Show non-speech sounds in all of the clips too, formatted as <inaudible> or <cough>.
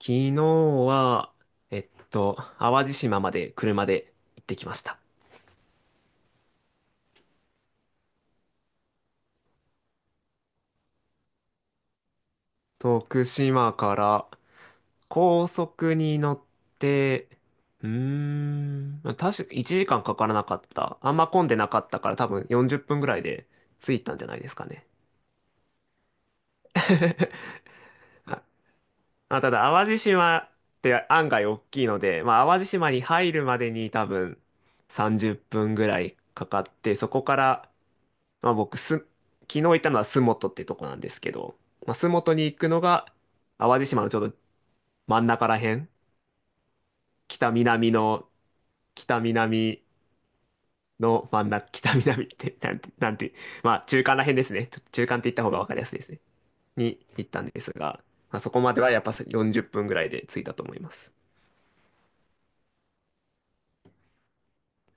昨日は、淡路島まで車で行ってきました。徳島から高速に乗って、確か1時間かからなかった。あんま混んでなかったから多分40分ぐらいで着いたんじゃないですかね。<laughs> あ、まあただ淡路島って案外大きいので、まあ淡路島に入るまでに多分30分ぐらいかかって、そこからまあ僕す、昨日行ったのは洲本ってとこなんですけど、まあ、洲本に行くのが淡路島のちょうど真ん中らへん、北南の、北南の真ん中、北南って、なんて、なんて、まあ中間らへんですね。ちょっと中間って言った方が分かりやすいですね。に行ったんですが、まあ、そこまではやっぱ40分ぐらいで着いたと思います。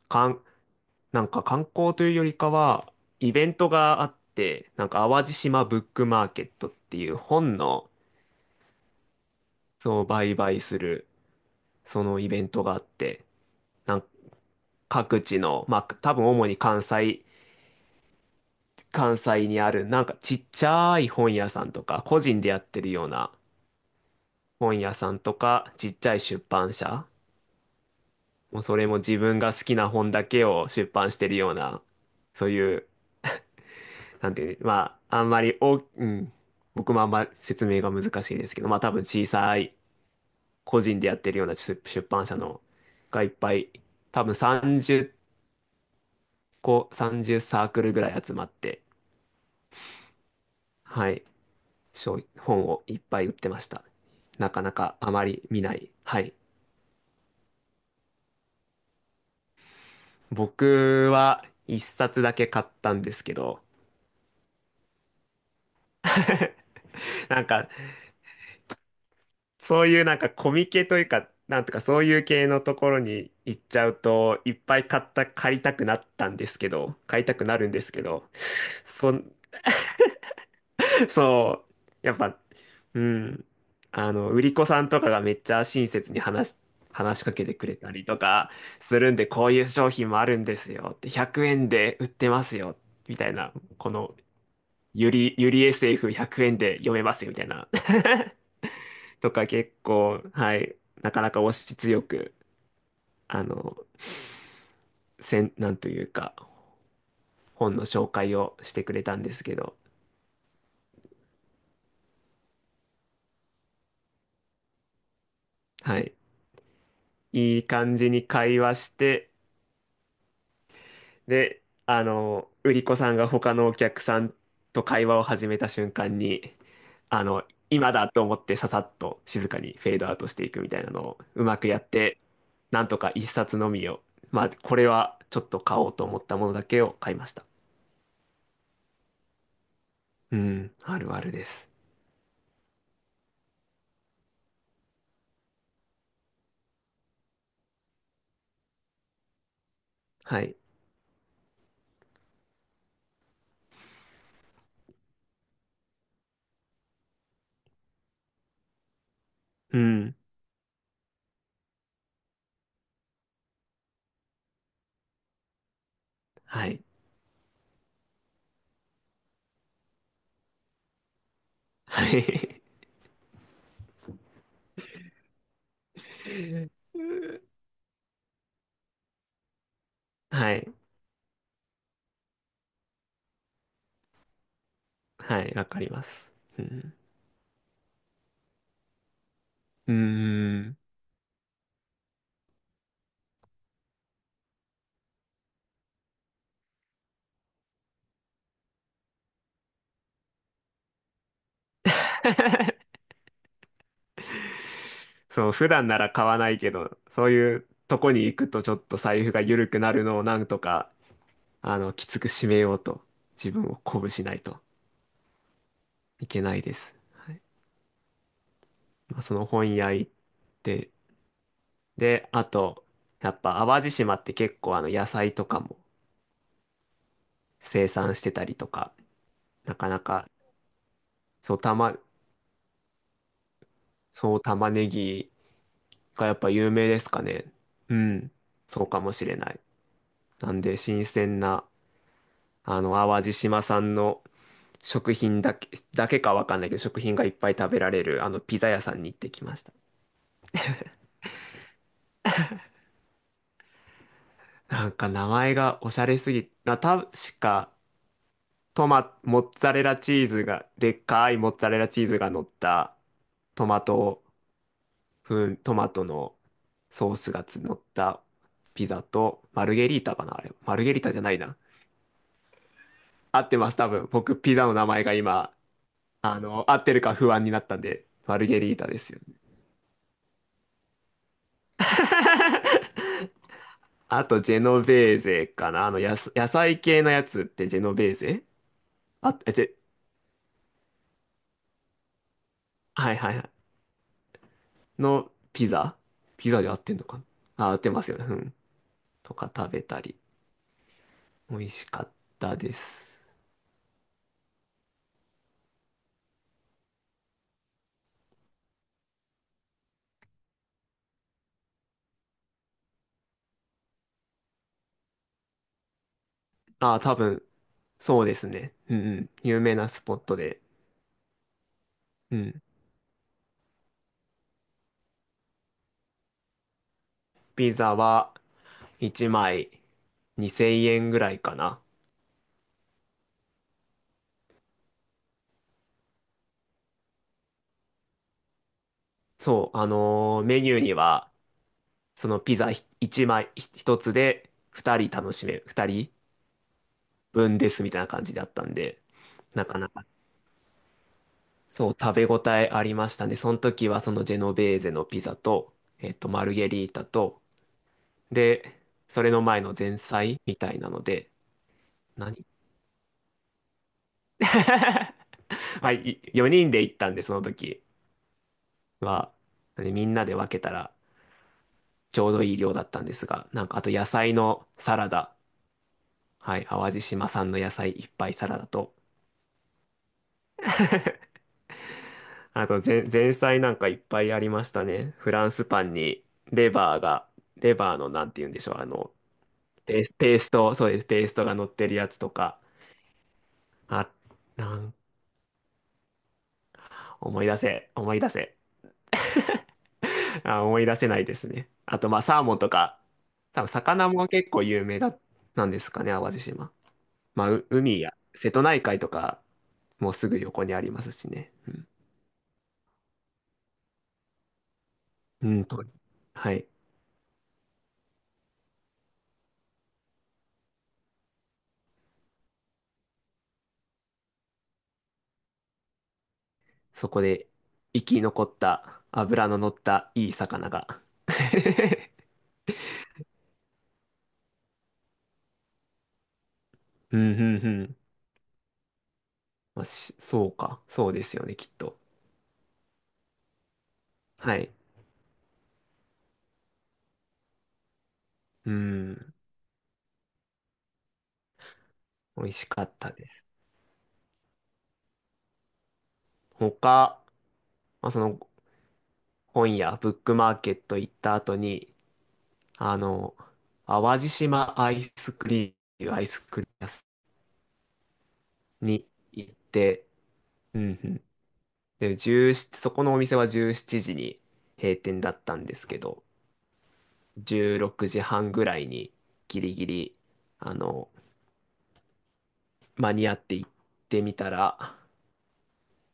かん、なんか観光というよりかは、イベントがあって、なんか淡路島ブックマーケットっていう本の、そう、売買する、そのイベントがあって、なんか各地の、まあ多分主に関西にあるなんかちっちゃい本屋さんとか、個人でやってるような本屋さんとか、ちっちゃい出版社、もうそれも自分が好きな本だけを出版してるような、そういう、なんていう、まああんまり大き、うん、僕もあんまり説明が難しいですけど、まあ多分小さい個人でやってるような出版社のがいっぱい、多分30こう30サークルぐらい集まって、はい、本をいっぱい売ってました。なかなかあまり見ない。はい。僕は一冊だけ買ったんですけど、<laughs> なんか、そういうなんかコミケというか、なんとかそういう系のところに行っちゃうと、いっぱい買った、借りたくなったんですけど、買いたくなるんですけど、そ、そう。やっぱ、うん。あの、売り子さんとかがめっちゃ親切に話しかけてくれたりとかするんで、こういう商品もあるんですよって、100円で売ってますよ、みたいな、この、ゆり SF100 円で読めますよ、みたいな。<laughs> とか結構、はい、なかなか押し強く、あの、なんというか、本の紹介をしてくれたんですけど、はい。いい感じに会話して、で、あの、売り子さんが他のお客さんと会話を始めた瞬間に、あの、今だと思ってささっと静かにフェードアウトしていくみたいなのをうまくやって、なんとか一冊のみを、まあ、これはちょっと買おうと思ったものだけを買いました。うん、あるあるです。はい。うん、はい。はい。<laughs> はい。はい、わかります。うん。うーん。そう、普段なら買わないけど、そういうとこに行くとちょっと財布が緩くなるのをなんとか、あの、きつく締めようと、自分を鼓舞しないといけないです。はい。まあ、その本屋行って、で、あと、やっぱ淡路島って結構あの野菜とかも生産してたりとか、なかなか、そう、そう、玉ねぎがやっぱ有名ですかね。うん、そうかもしれない。なんで、新鮮な、あの、淡路島産の食品だけ、だけかわかんないけど、食品がいっぱい食べられる、あの、ピザ屋さんに行ってきました。なんか名前がおしゃれすぎ、な、確か、モッツァレラチーズが、でっかいモッツァレラチーズが乗った、トマト、トマトのソースが乗ったピザと、マルゲリータかな、あれ。マルゲリータじゃないな。合ってます、多分。僕、ピザの名前が今、あの、合ってるか不安になったんで、マルゲリータですよね。あと、ジェノベーゼかな。あの、野菜系のやつってジェノベーゼあ、え、ジェ、はいはいはい。のピザで合ってんのかなあ、合ってますよね。うん。とか食べたり。美味しかったです。あ、多分、そうですね。うんうん。有名なスポットで。うん。ピザは1枚2000円ぐらいかな。そう、あのーメニューには、そのピザ1枚1つで2人楽しめる。2人分ですみたいな感じだったんで、なかなか、そう、食べ応えありましたね。その時はそのジェノベーゼのピザと、マルゲリータと、で、それの前の前菜みたいなので、何 <laughs> はい、4人で行ったんで、その時は。でみんなで分けたらちょうどいい量だったんですが、なんかあと野菜のサラダ、はい、淡路島産の野菜いっぱいサラダと、前菜なんかいっぱいありましたね。フランスパンにレバーが、レバーのなんて言うんでしょう、あの、ペースト、そうです、ペーストが乗ってるやつとか、あ、なん、思い出せ、思い出せ。<laughs> あ、思い出せないですね。あと、まあ、サーモンとか、多分魚も結構有名だ、なんですかね、淡路島。まあ、海や、瀬戸内海とか、もうすぐ横にありますしね。うん、うんと、はい。そこで生き残った脂の乗ったいい魚が <laughs> うん、うん、うん。まあ、そうか。そうですよね、きっと。はい。うん。美味しかったです。他、まあ、その本屋、ブックマーケット行った後に、あの、淡路島アイスクリーム、アイスクリーム屋さんに行って、うんうん。で、17、そこのお店は17時に閉店だったんですけど、16時半ぐらいにギリギリ、あの、間に合って行ってみたら、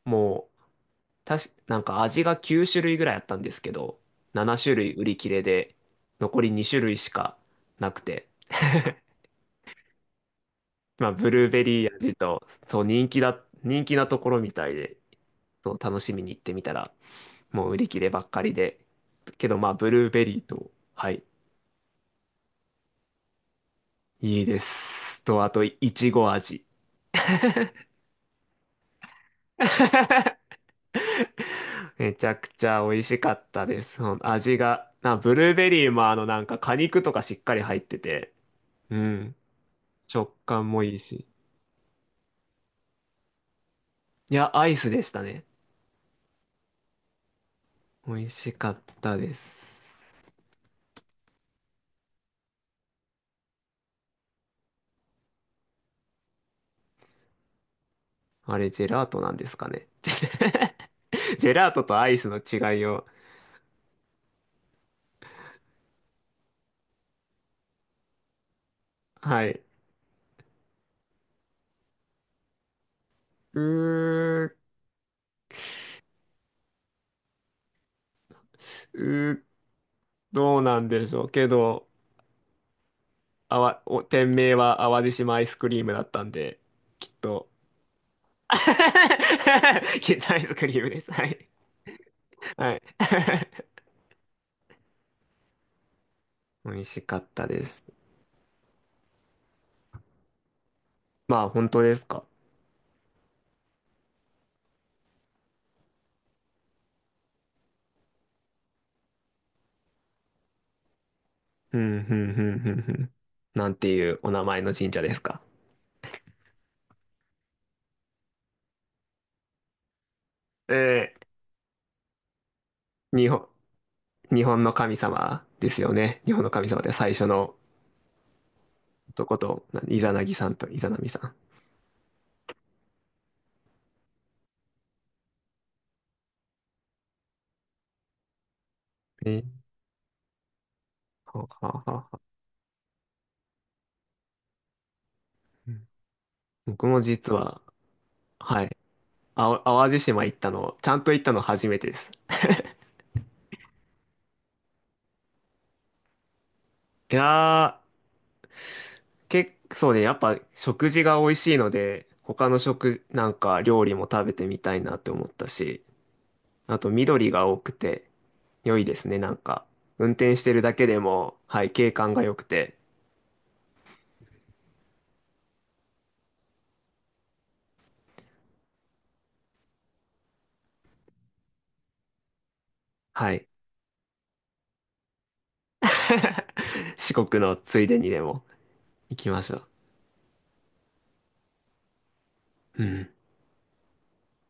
もう、なんか味が9種類ぐらいあったんですけど、7種類売り切れで、残り2種類しかなくて。<laughs> まあ、ブルーベリー味と、そう、人気なところみたいで、そう、楽しみに行ってみたら、もう売り切ればっかりで、けどまあ、ブルーベリーと、はい、いいです。と、あと、いちご味。<laughs> めちゃくちゃ美味しかったです。ほん味が、な、ブルーベリーもあのなんか果肉とかしっかり入ってて、うん、食感もいいし。いや、アイスでしたね。美味しかったです。あれ、ジェラートなんですかね。<laughs> ジェラートとアイスの違いを。はい。うー、うー、どうなんでしょう。けど、あわ、お、店名は淡路島アイスクリームだったんで、きっと <laughs> いや、アイスクリームです。はい。はい。<laughs> 美味しかったです。まあ、本当ですか。うん、うん、うん、うん、うん。なんていうお名前の神社ですか。えー、日本の神様ですよね。日本の神様で最初の男と、なイザナギさんとイザナミさん。えー、はあはあはあうん僕も実は、はい。淡路島行ったの、ちゃんと行ったの初めてです。いやー、結構ね、やっぱ食事が美味しいので、他の食、なんか料理も食べてみたいなって思ったし、あと緑が多くて良いですね、なんか。運転してるだけでも、はい、景観が良くて、はい。<laughs> 四国のついでにでも行きましょう。うん。